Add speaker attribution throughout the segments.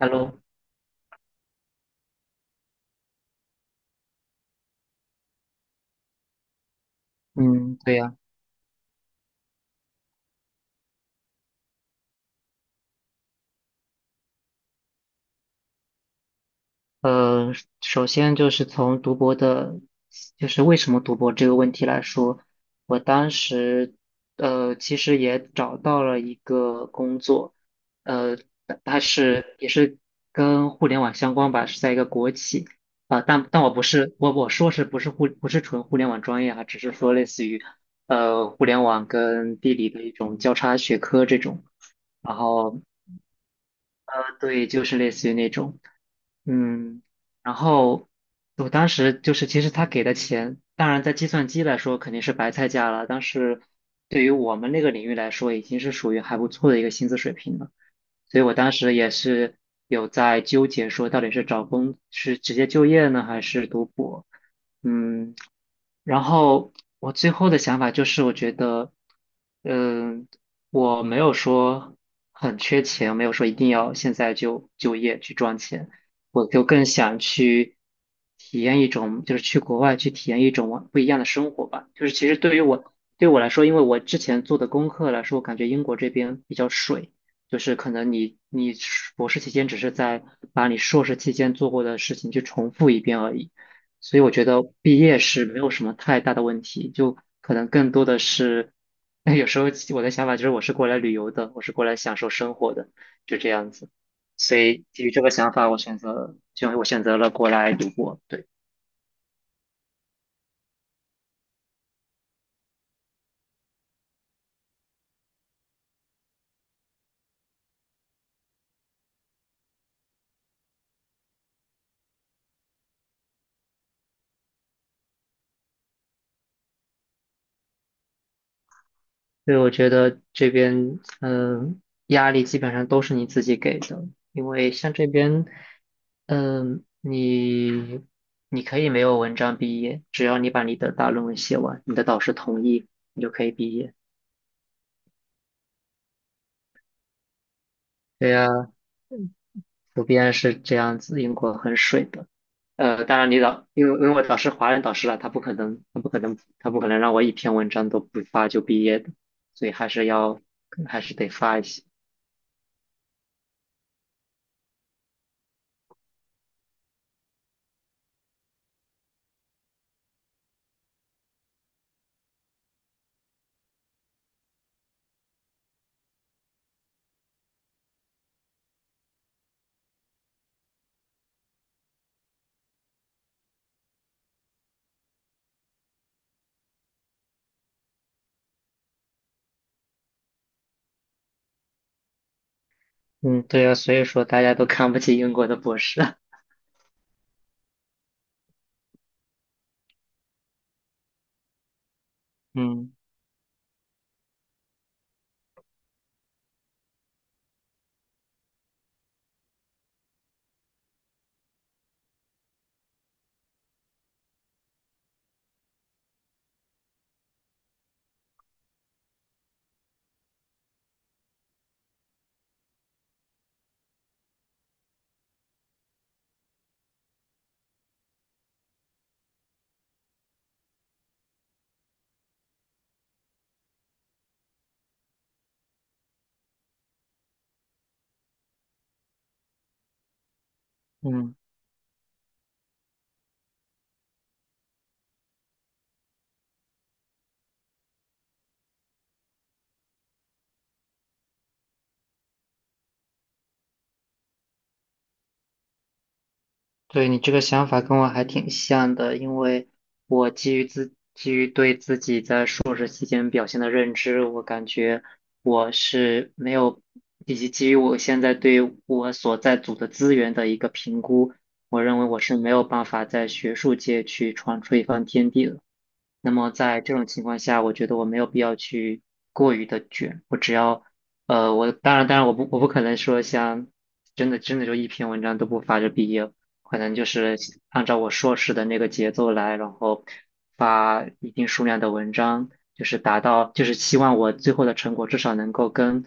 Speaker 1: Hello，嗯，对呀，呃，首先就是从读博的，就是为什么读博这个问题来说，我当时，其实也找到了一个工作，呃，但它也是跟互联网相关吧，是在一个国企，但我说不是纯互联网专业啊，只是说类似于，互联网跟地理的一种交叉学科这种。然后对，就是类似于那种，嗯，然后我当时就是，其实他给的钱，当然在计算机来说肯定是白菜价了，但是对于我们那个领域来说，已经是属于还不错的一个薪资水平了。所以我当时也是有在纠结，说到底是找工，是直接就业呢，还是读博？嗯，然后我最后的想法就是，我觉得，嗯、我没有说很缺钱，没有说一定要现在就就业去赚钱，我就更想去体验一种，就是去国外去体验一种不一样的生活吧。就是其实对于我对我来说，因为我之前做的功课来说，我感觉英国这边比较水。就是可能你硕博士期间只是在把你硕士期间做过的事情去重复一遍而已，所以我觉得毕业是没有什么太大的问题，就可能更多的是，有时候我的想法就是我是过来旅游的，我是过来享受生活的，就这样子。所以基于这个想法，我选择了过来读博。对，所以我觉得这边压力基本上都是你自己给的，因为像这边嗯、你你可以没有文章毕业，只要你把你的大论文写完，你的导师同意，你就可以毕业。对呀，普遍是这样子，英国很水的。当然你导，因为我导师华人导师了，他不可能，他不可能，他不可能让我一篇文章都不发就毕业的，所以还是得发一些。嗯，对啊，所以说大家都看不起英国的博士。嗯嗯。对，你这个想法跟我还挺像的，因为我基于对自己在硕士期间表现的认知，我感觉我是没有，以及基于我现在对我所在组的资源的一个评估，我认为我是没有办法在学术界去闯出一番天地的。那么在这种情况下，我觉得我没有必要去过于的卷，我只要，我当然我不可能说像真的真的就一篇文章都不发就毕业，可能就是按照我硕士的那个节奏来，然后发一定数量的文章，就是达到就是希望我最后的成果至少能够跟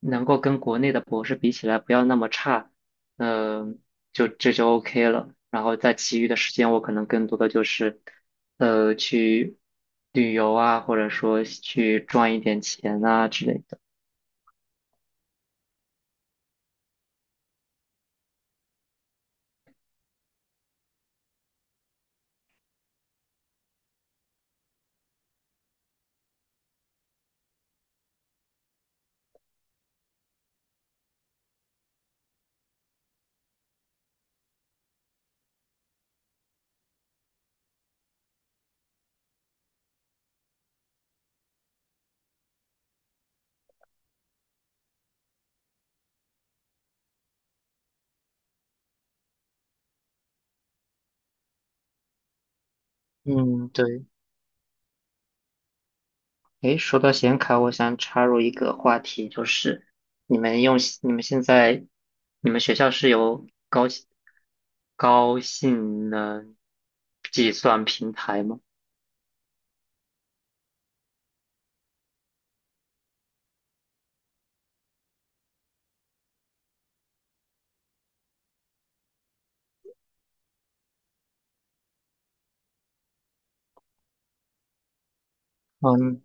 Speaker 1: 能够跟国内的博士比起来不要那么差，嗯。就这就 OK 了。然后在其余的时间，我可能更多的就是，去旅游啊，或者说去赚一点钱啊之类的。嗯，对。诶，说到显卡，我想插入一个话题，就是你们用你们现在你们学校是有高性能计算平台吗？嗯，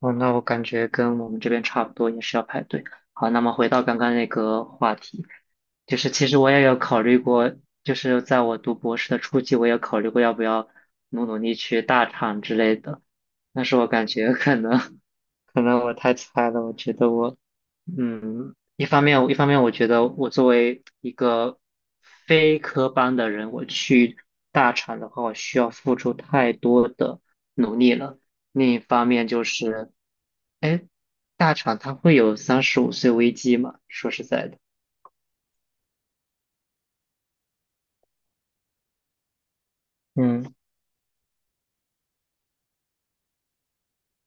Speaker 1: 哦，那我感觉跟我们这边差不多，也是要排队。好，那么回到刚刚那个话题，就是其实我也有考虑过，就是在我读博士的初期，我也考虑过要不要努努力去大厂之类的，但是我感觉可能 可能我太菜了，我觉得一方面我觉得我作为一个非科班的人，我去大厂的话，我需要付出太多的努力了。另一方面就是，哎，大厂它会有三十五岁危机吗？说实在的，嗯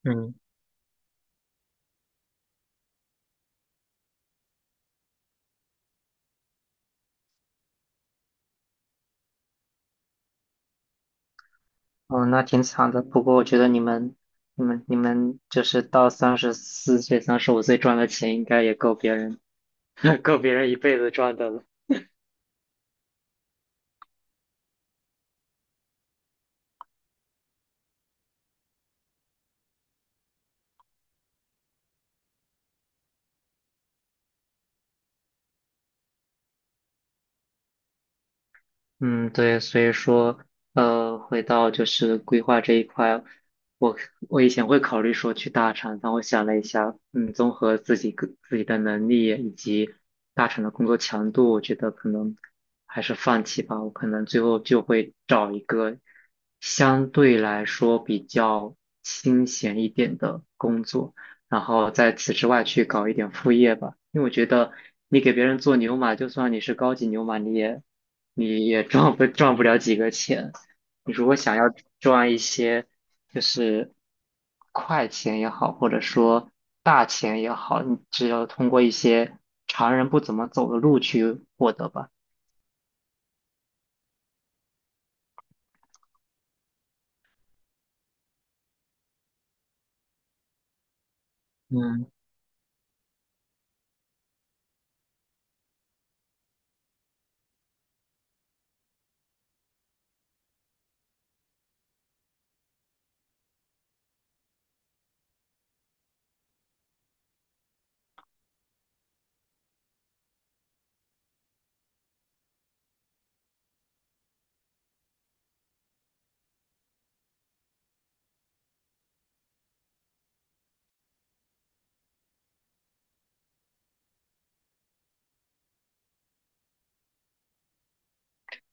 Speaker 1: 嗯，哦，那挺惨的。不过我觉得你们就是到34岁、三十五岁赚的钱，应该也够别人 够别人一辈子赚的了。嗯，对，所以说，回到就是规划这一块，我我以前会考虑说去大厂，但我想了一下，综合自己的能力以及大厂的工作强度，我觉得可能还是放弃吧。我可能最后就会找一个相对来说比较清闲一点的工作。然后在此之外去搞一点副业吧。因为我觉得你给别人做牛马，就算你是高级牛马，你也赚不了几个钱。你如果想要赚一些就是快钱也好，或者说大钱也好，你只有通过一些常人不怎么走的路去获得吧。嗯。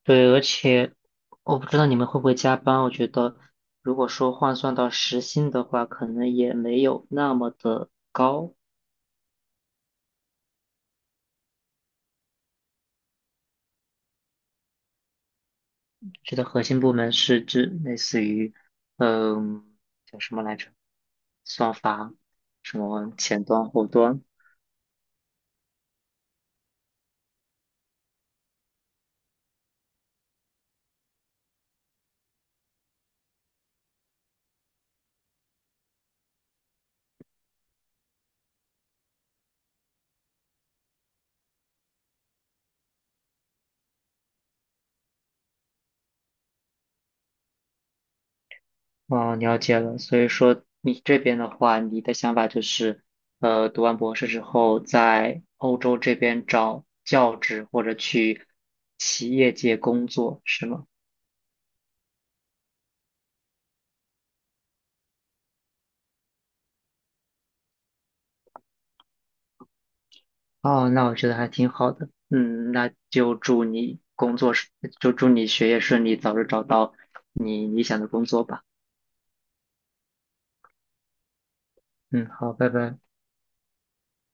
Speaker 1: 对，而且我不知道你们会不会加班。我觉得，如果说换算到时薪的话，可能也没有那么的高。觉得核心部门是指类似于，嗯，叫什么来着？算法，什么前端、后端？哦，了解了。所以说，你这边的话，你的想法就是，读完博士之后，在欧洲这边找教职或者去企业界工作，是吗？哦，那我觉得还挺好的。嗯，那就祝你工作顺，就祝你学业顺利，早日找到你理想的工作吧。嗯，好，拜拜。